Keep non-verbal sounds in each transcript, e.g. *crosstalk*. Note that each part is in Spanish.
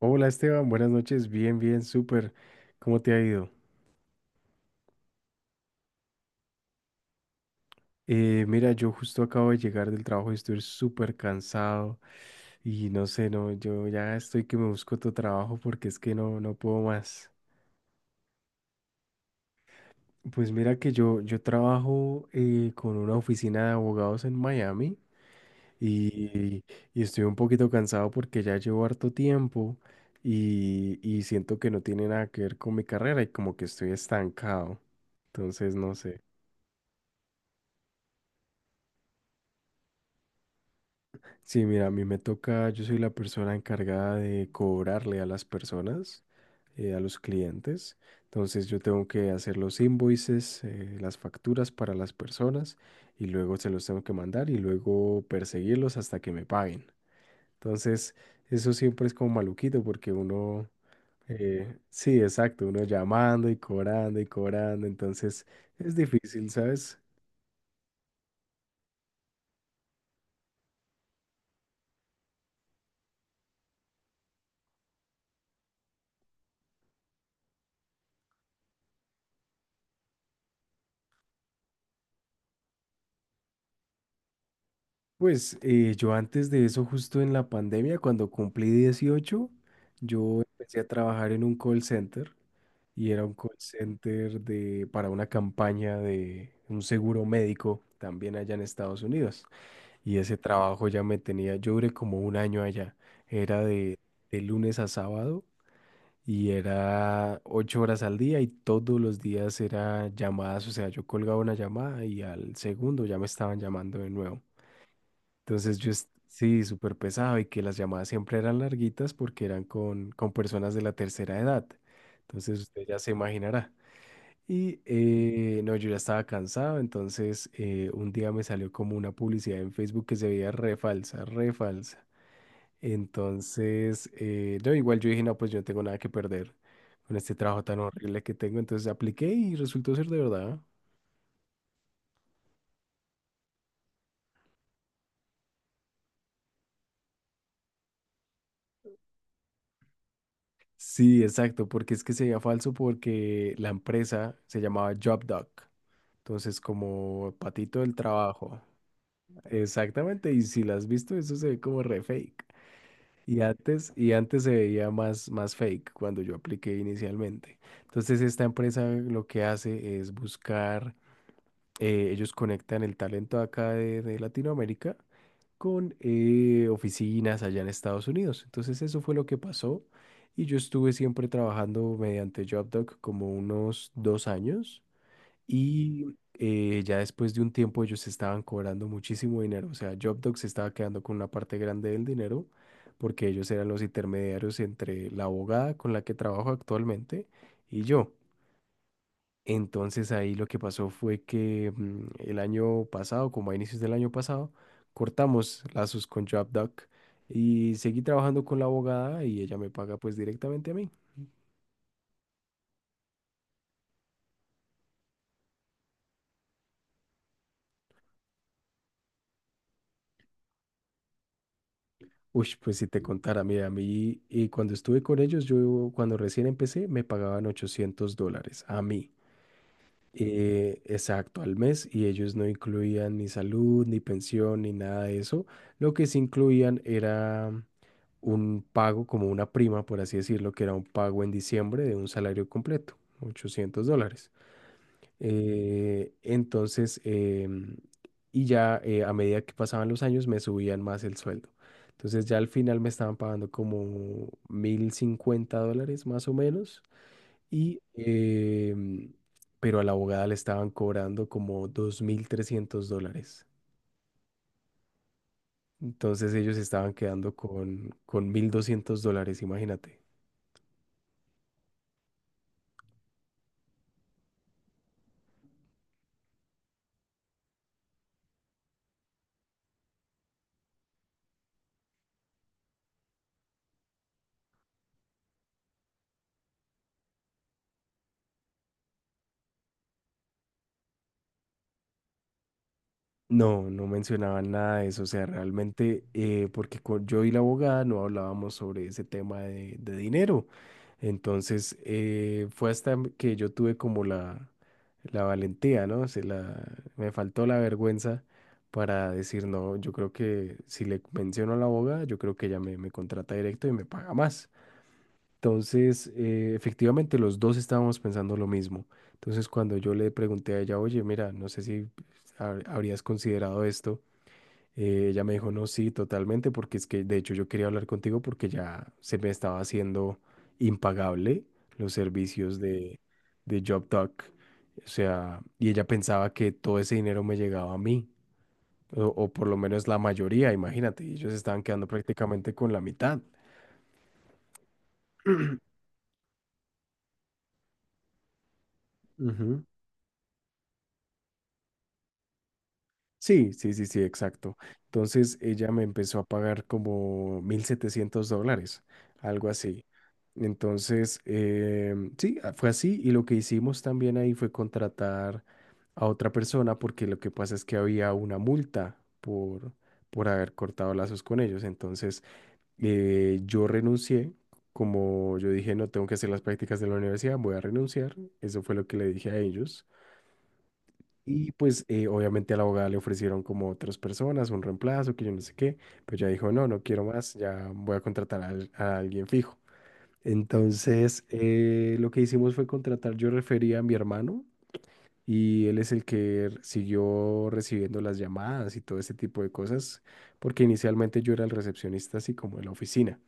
Hola Esteban, buenas noches, bien, bien, súper. ¿Cómo te ha ido? Yo justo acabo de llegar del trabajo y estoy súper cansado y no sé, no, yo ya estoy que me busco otro trabajo porque es que no, no puedo más. Pues mira que yo trabajo con una oficina de abogados en Miami y, estoy un poquito cansado porque ya llevo harto tiempo y, siento que no tiene nada que ver con mi carrera y como que estoy estancado. Entonces, no sé. Sí, mira, a mí me toca, yo soy la persona encargada de cobrarle a las personas, a los clientes. Entonces yo tengo que hacer los invoices, las facturas para las personas y luego se los tengo que mandar y luego perseguirlos hasta que me paguen. Entonces eso siempre es como maluquito porque uno, sí, exacto, uno llamando y cobrando y cobrando. Entonces es difícil, ¿sabes? Pues yo antes de eso, justo en la pandemia, cuando cumplí 18 yo empecé a trabajar en un call center y era un call center de, para una campaña de un seguro médico también allá en Estados Unidos. Y ese trabajo ya me tenía, yo duré como un año allá. Era de, lunes a sábado y era 8 horas al día y todos los días era llamadas, o sea, yo colgaba una llamada y al segundo ya me estaban llamando de nuevo. Entonces yo, sí, súper pesado y que las llamadas siempre eran larguitas porque eran con, personas de la tercera edad. Entonces usted ya se imaginará. Y no, yo ya estaba cansado, entonces un día me salió como una publicidad en Facebook que se veía re falsa, re falsa. Entonces, no, igual yo dije, no, pues yo no tengo nada que perder con este trabajo tan horrible que tengo, entonces apliqué y resultó ser de verdad. Sí, exacto, porque es que se veía falso porque la empresa se llamaba JobDoc. Entonces, como patito del trabajo. Exactamente, y si la has visto, eso se ve como re fake. Y antes se veía más, más fake cuando yo apliqué inicialmente. Entonces, esta empresa lo que hace es buscar, ellos conectan el talento de acá de, Latinoamérica con oficinas allá en Estados Unidos. Entonces, eso fue lo que pasó. Y yo estuve siempre trabajando mediante JobDoc como unos 2 años. Y ya después de un tiempo ellos estaban cobrando muchísimo dinero. O sea, Jobdog se estaba quedando con una parte grande del dinero porque ellos eran los intermediarios entre la abogada con la que trabajo actualmente y yo. Entonces ahí lo que pasó fue que el año pasado, como a inicios del año pasado, cortamos lazos con Jobdog y seguí trabajando con la abogada y ella me paga pues directamente a mí. Uy, pues si te contara, mira, a mí, y cuando estuve con ellos, yo cuando recién empecé, me pagaban $800 a mí, exacto, al mes, y ellos no incluían ni salud, ni pensión, ni nada de eso. Lo que sí incluían era un pago, como una prima, por así decirlo, que era un pago en diciembre de un salario completo, $800. Entonces, y ya a medida que pasaban los años me subían más el sueldo. Entonces ya al final me estaban pagando como $1.050 más o menos. Y, pero a la abogada le estaban cobrando como $2.300. Entonces ellos estaban quedando con, $1.200, imagínate. No, no mencionaban nada de eso, o sea, realmente, porque yo y la abogada no hablábamos sobre ese tema de, dinero. Entonces, fue hasta que yo tuve como la, valentía, ¿no? Me faltó la vergüenza para decir, no, yo creo que si le menciono a la abogada, yo creo que ella me, contrata directo y me paga más. Entonces, efectivamente, los dos estábamos pensando lo mismo. Entonces, cuando yo le pregunté a ella, oye, mira, no sé si habrías considerado esto, ella me dijo, no, sí, totalmente, porque es que, de hecho, yo quería hablar contigo porque ya se me estaba haciendo impagable los servicios de, JobTalk. O sea, y ella pensaba que todo ese dinero me llegaba a mí, o, por lo menos la mayoría, imagínate, y ellos estaban quedando prácticamente con la mitad. Sí, sí, sí, sí, exacto. Entonces ella me empezó a pagar como $1.700, algo así. Entonces, sí, fue así. Y lo que hicimos también ahí fue contratar a otra persona porque lo que pasa es que había una multa por, haber cortado lazos con ellos. Entonces, yo renuncié. Como yo dije, no tengo que hacer las prácticas de la universidad, voy a renunciar. Eso fue lo que le dije a ellos. Y pues obviamente a la abogada le ofrecieron como otras personas, un reemplazo, que yo no sé qué, pero ya dijo, no, no quiero más, ya voy a contratar a, a alguien fijo. Entonces lo que hicimos fue contratar, yo refería a mi hermano y él es el que siguió recibiendo las llamadas y todo ese tipo de cosas, porque inicialmente yo era el recepcionista así como de la oficina.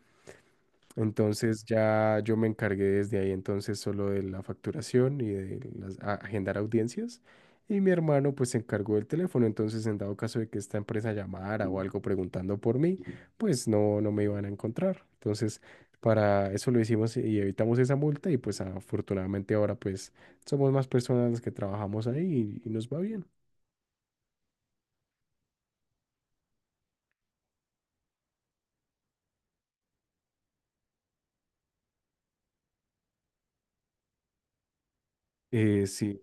Entonces ya yo me encargué desde ahí entonces solo de la facturación y de agendar audiencias. Y mi hermano pues se encargó del teléfono. Entonces en dado caso de que esta empresa llamara o algo preguntando por mí, pues no, no me iban a encontrar. Entonces para eso lo hicimos y evitamos esa multa y pues afortunadamente ahora pues somos más personas las que trabajamos ahí y, nos va bien. Sí,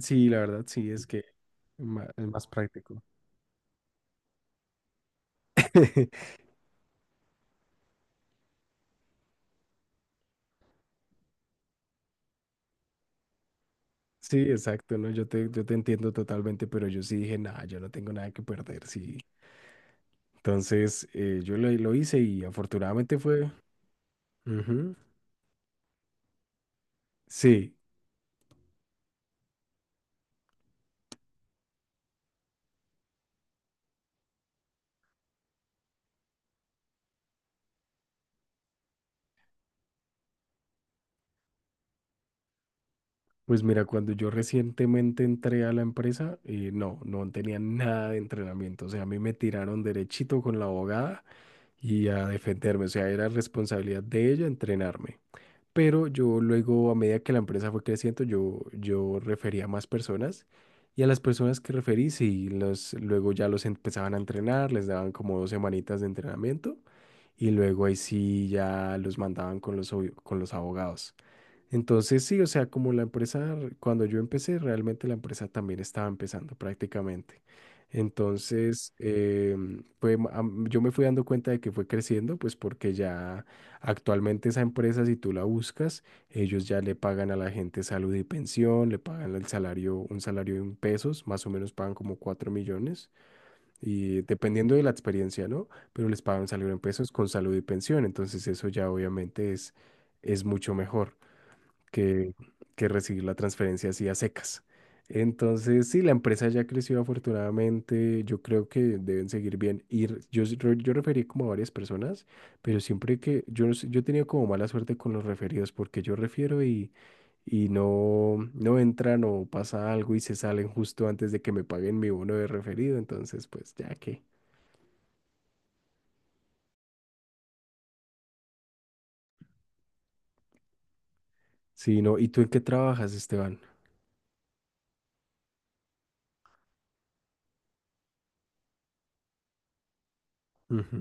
sí, la verdad sí es que es más práctico. *laughs* Sí, exacto, ¿no? Yo te entiendo totalmente, pero yo sí dije, nada, yo no tengo nada que perder, sí. Entonces, yo lo, hice y afortunadamente fue. Ujú. Sí, pues mira, cuando yo recientemente entré a la empresa, no, no tenía nada de entrenamiento, o sea, a mí me tiraron derechito con la abogada y a defenderme, o sea, era responsabilidad de ella entrenarme. Pero yo luego, a medida que la empresa fue creciendo, yo refería a más personas y a las personas que referí, sí, los, luego ya los empezaban a entrenar, les daban como 2 semanitas de entrenamiento y luego ahí sí ya los mandaban con los, con los abogados. Entonces sí, o sea, como la empresa, cuando yo empecé, realmente la empresa también estaba empezando prácticamente. Entonces, fue yo me fui dando cuenta de que fue creciendo, pues porque ya actualmente esa empresa, si tú la buscas, ellos ya le pagan a la gente salud y pensión, le pagan el salario, un salario en pesos, más o menos pagan como 4 millones, y dependiendo de la experiencia, ¿no? Pero les pagan un salario en pesos con salud y pensión, entonces eso ya obviamente es, mucho mejor que, recibir la transferencia así a secas. Entonces, sí, la empresa ya creció afortunadamente, yo creo que deben seguir bien. Y yo referí como a varias personas, pero siempre que yo, no sé, yo he tenido como mala suerte con los referidos, porque yo refiero y, no, no entran o pasa algo y se salen justo antes de que me paguen mi bono de referido, entonces pues ya que. Sí, no, ¿y tú en qué trabajas, Esteban? Ujú.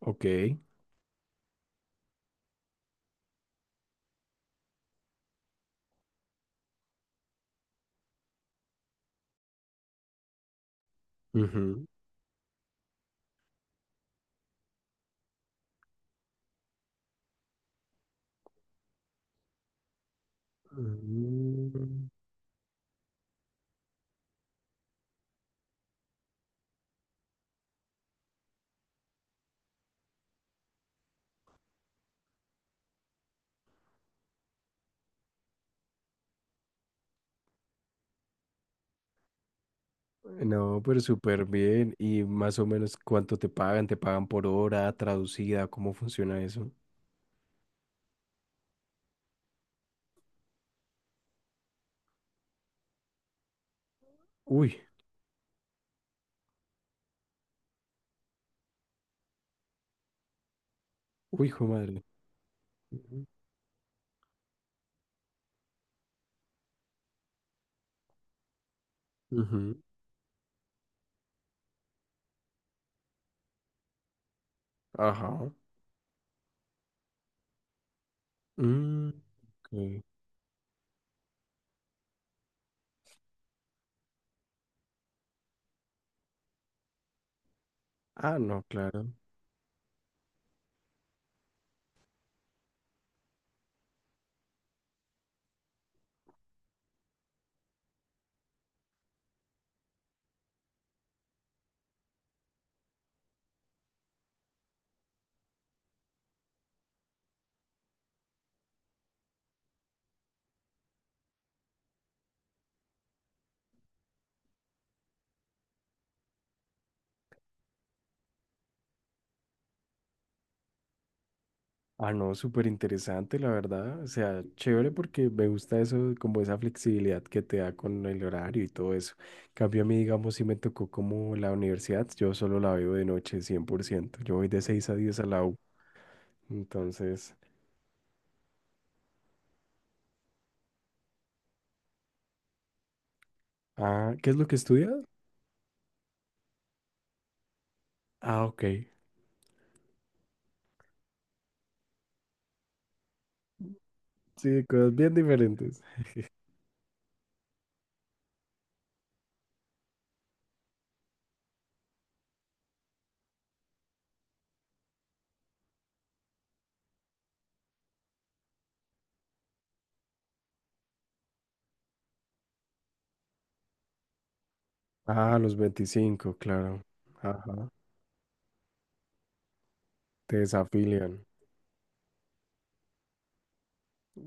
Ok. Ujú. Mm. No, pero súper bien. ¿Y más o menos cuánto te pagan? ¿Te pagan por hora, traducida? ¿Cómo funciona eso? Uy, uy, hijo de madre. Ujú. Ujú. Ajá. Mm, ok. Ah, no, claro. Ah, no, súper interesante, la verdad. O sea, chévere porque me gusta eso, como esa flexibilidad que te da con el horario y todo eso. En cambio a mí, digamos, si me tocó como la universidad, yo solo la veo de noche, 100%. Yo voy de 6 a 10 a la U. Entonces, ah, ¿qué es lo que estudias? Ah, ok. Sí, cosas bien diferentes. Ah, los 25, claro. Ajá. Te desafilian,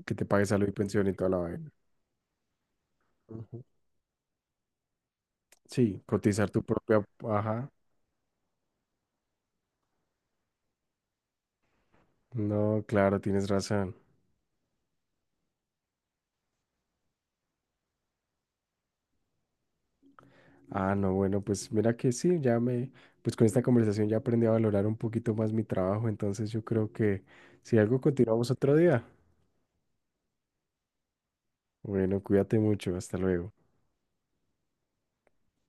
que te pagues salud y pensión y toda la vaina. Ujú. Sí, cotizar tu propia. Ajá. No, claro, tienes razón. Ah, no, bueno, pues mira que sí, ya me. Pues con esta conversación ya aprendí a valorar un poquito más mi trabajo, entonces yo creo que si algo continuamos otro día. Bueno, cuídate mucho, hasta luego.